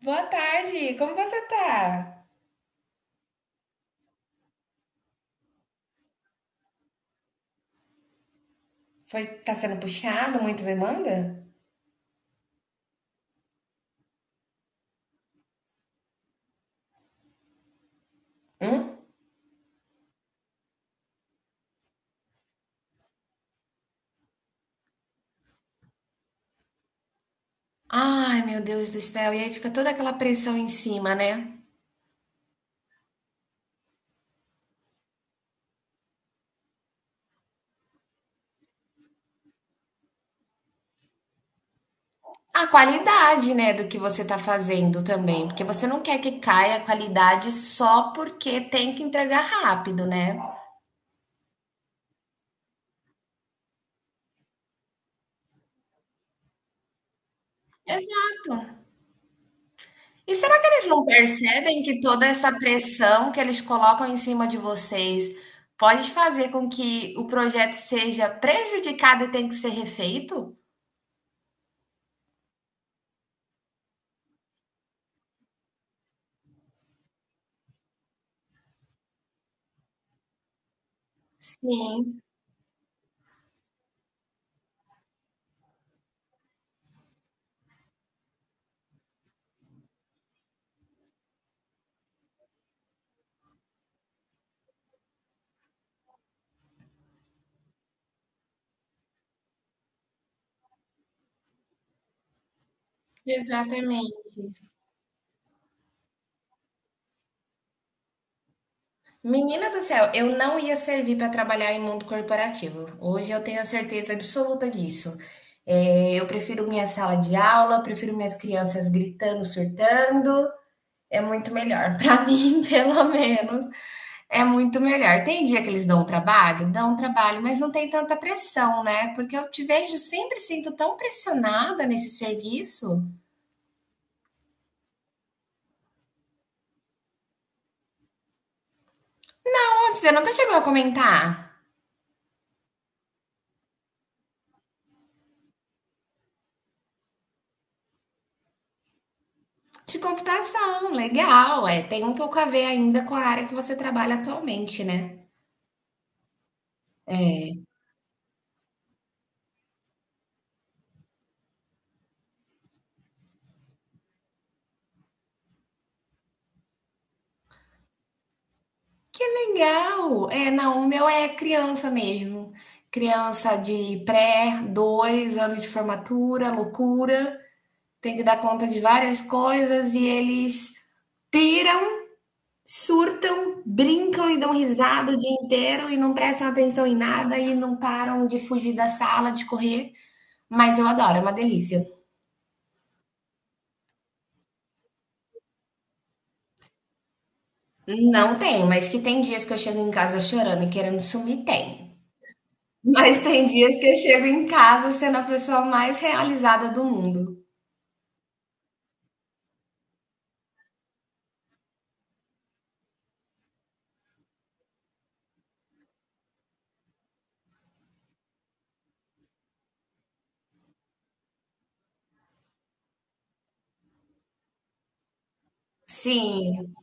Boa tarde, como você tá? Foi, tá sendo puxado, muita demanda? Hum? Ai, meu Deus do céu, e aí fica toda aquela pressão em cima, né? A qualidade, né, do que você tá fazendo também, porque você não quer que caia a qualidade só porque tem que entregar rápido, né? Exato. E será que eles não percebem que toda essa pressão que eles colocam em cima de vocês pode fazer com que o projeto seja prejudicado e tenha que ser refeito? Sim. Exatamente. Menina do céu, eu não ia servir para trabalhar em mundo corporativo. Hoje eu tenho a certeza absoluta disso. É, eu prefiro minha sala de aula, prefiro minhas crianças gritando, surtando. É muito melhor. Para mim, pelo menos, é muito melhor. Tem dia que eles dão um trabalho? Dão um trabalho, mas não tem tanta pressão, né? Porque eu te vejo sempre sinto tão pressionada nesse serviço. Nossa, você nunca chegou a comentar. De computação, legal. É, tem um pouco a ver ainda com a área que você trabalha atualmente, né? Que legal! É, não, o meu é criança mesmo. Criança de pré, dois anos de formatura, loucura. Tem que dar conta de várias coisas e eles piram, surtam, brincam e dão risada o dia inteiro e não prestam atenção em nada e não param de fugir da sala, de correr. Mas eu adoro, é uma delícia. Não tenho, mas que tem dias que eu chego em casa chorando e querendo sumir, tem. Mas tem dias que eu chego em casa sendo a pessoa mais realizada do mundo. Sim.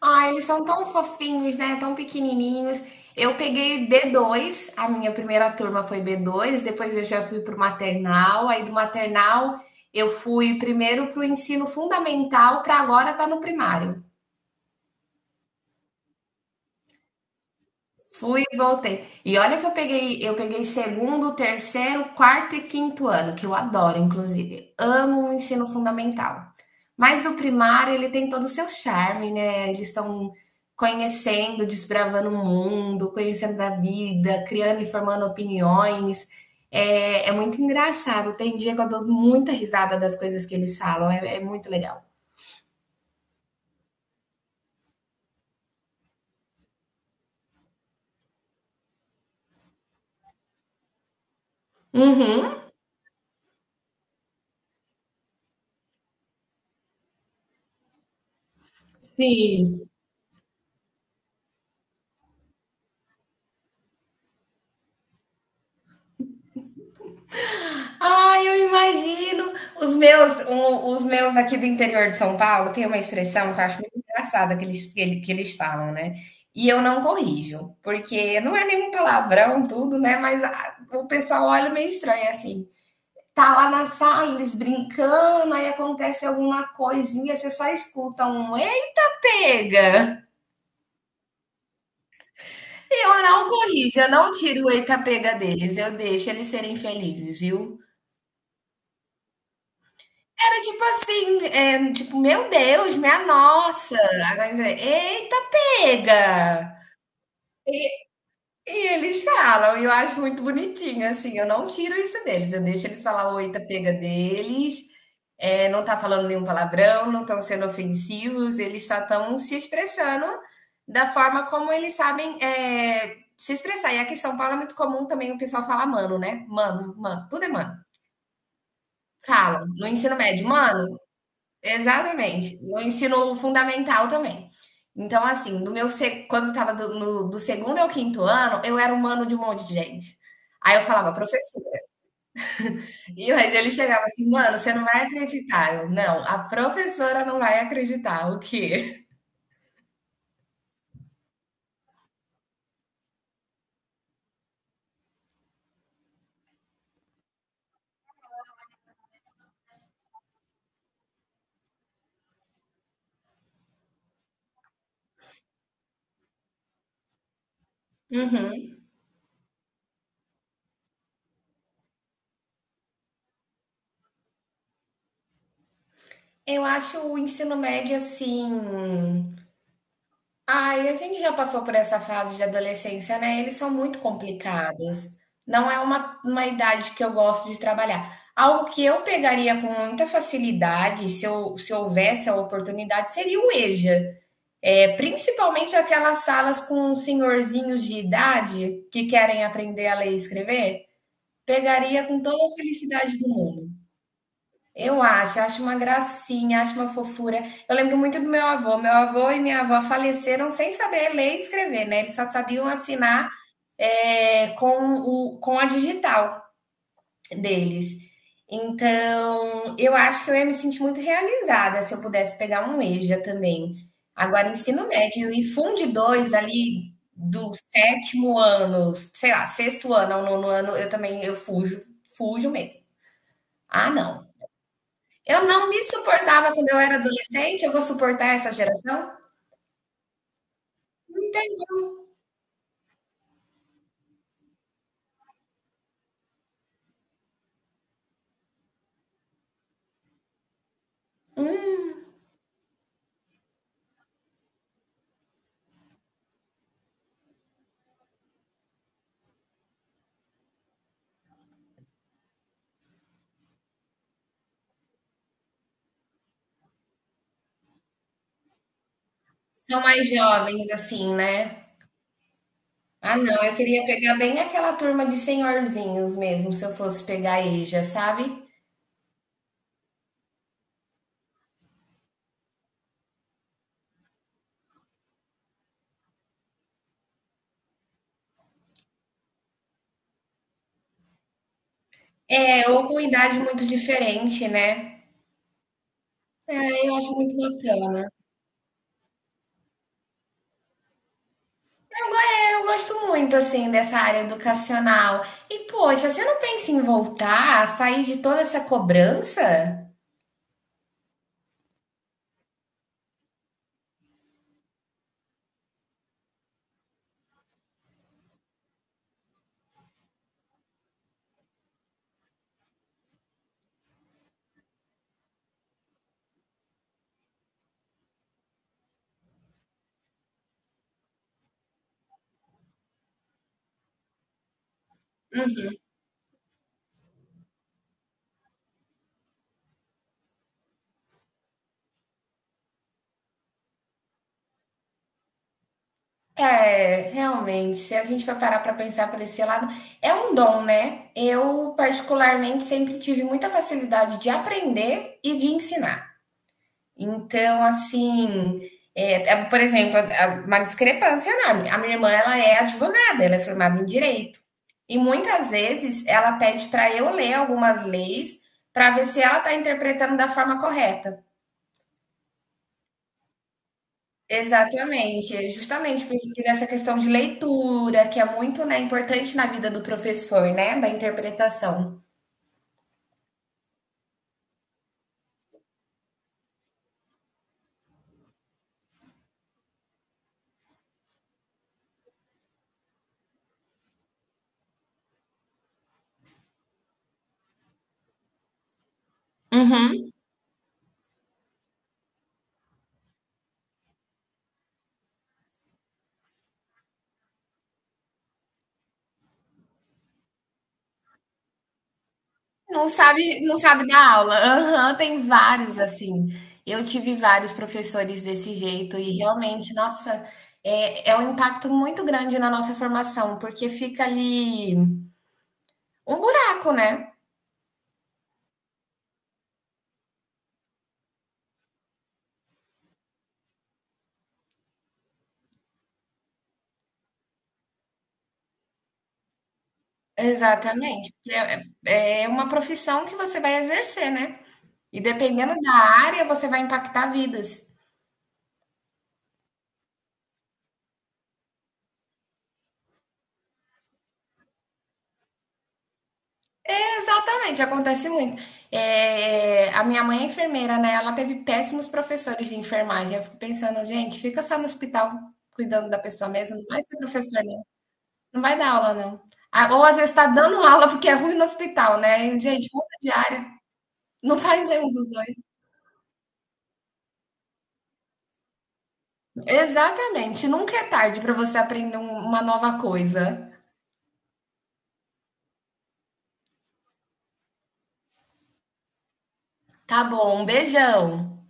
Ah, eles são tão fofinhos, né? Tão pequenininhos. Eu peguei b dois. A minha primeira turma foi b dois. Depois eu já fui para o maternal, aí do maternal eu fui primeiro para o ensino fundamental, para agora tá no primário. Fui e voltei. E olha que eu peguei segundo, terceiro, quarto e quinto ano, que eu adoro, inclusive. Amo o ensino fundamental. Mas o primário, ele tem todo o seu charme, né? Eles estão conhecendo, desbravando o mundo, conhecendo a vida, criando e formando opiniões. É, é muito engraçado. Tem dia que eu dou muita risada das coisas que eles falam. É, é muito legal. Uhum. Sim. Ah, eu imagino. Os meus, os meus aqui do interior de São Paulo tem uma expressão que eu acho muito engraçada que eles, que eles falam, né? E eu não corrijo, porque não é nenhum palavrão, tudo, né? Mas o pessoal olha meio estranho assim. Tá lá na sala, eles brincando, aí acontece alguma coisinha, você só escuta um eita pega. Eu não corrijo, eu não tiro o eita pega deles, eu deixo eles serem felizes, viu? Era tipo assim, é, tipo, meu Deus, minha nossa. Agora, eita, pega! E eles falam, e eu acho muito bonitinho, assim, eu não tiro isso deles, eu deixo eles falar o eita, pega deles, é, não tá falando nenhum palavrão, não estão sendo ofensivos, eles só estão se expressando da forma como eles sabem é, se expressar. E aqui em São Paulo é muito comum também o pessoal falar mano, né? Mano, mano, tudo é mano. Falam, no ensino médio, mano. Exatamente. E o ensino fundamental também. Então, assim, do meu se- quando estava do, no- do segundo ao quinto ano, eu era um mano de um monte de gente. Aí eu falava, professora. E mas ele chegava assim, mano, você não vai acreditar. Eu, não, a professora não vai acreditar. O quê? Uhum. Eu acho o ensino médio assim. Ai, a gente já passou por essa fase de adolescência, né, eles são muito complicados. Não é uma idade que eu gosto de trabalhar. Algo que eu pegaria com muita facilidade, se houvesse a oportunidade, seria o EJA. É, principalmente aquelas salas com senhorzinhos de idade que querem aprender a ler e escrever, pegaria com toda a felicidade do mundo. Eu acho, acho uma gracinha, acho uma fofura. Eu lembro muito do meu avô. Meu avô e minha avó faleceram sem saber ler e escrever, né? Eles só sabiam assinar é, com, o, com a digital deles. Então, eu acho que eu ia me sentir muito realizada se eu pudesse pegar um EJA também. Agora, ensino médio e funde dois ali do sétimo ano, sei lá, sexto ano ao nono ano, eu fujo, fujo mesmo. Ah, não. Eu não me suportava quando eu era adolescente, eu vou suportar essa geração? Não entendo. Hum, são mais jovens, assim, né. Ah não, eu queria pegar bem aquela turma de senhorzinhos mesmo, se eu fosse pegar aí, já sabe. É, ou com idade muito diferente, né. É, eu acho muito bacana. Eu gosto muito, assim, dessa área educacional. E poxa, você não pensa em voltar, sair de toda essa cobrança? É, realmente, se a gente for parar para pensar por esse lado, é um dom, né? Eu, particularmente, sempre tive muita facilidade de aprender e de ensinar. Então, assim, por exemplo, uma discrepância enorme. A minha irmã, ela é advogada, ela é formada em direito. E muitas vezes ela pede para eu ler algumas leis para ver se ela está interpretando da forma correta. Exatamente, é justamente por isso que nessa questão de leitura, que é muito, né, importante na vida do professor, né, da interpretação. Uhum. Não sabe dar aula. Aham, tem vários assim. Eu tive vários professores desse jeito e realmente, nossa, é um impacto muito grande na nossa formação, porque fica ali um buraco, né. Exatamente, é uma profissão que você vai exercer, né. E dependendo da área, você vai impactar vidas. Exatamente, acontece muito. É, a minha mãe é enfermeira, né? Ela teve péssimos professores de enfermagem. Eu fico pensando, gente, fica só no hospital cuidando da pessoa mesmo, não vai ser professor, não. Não vai dar aula, não. Ah, ou às vezes está dando aula porque é ruim no hospital, né? E, gente, muda de área. Não faz nenhum dos dois. Exatamente, nunca é tarde para você aprender uma nova coisa. Tá bom, um beijão.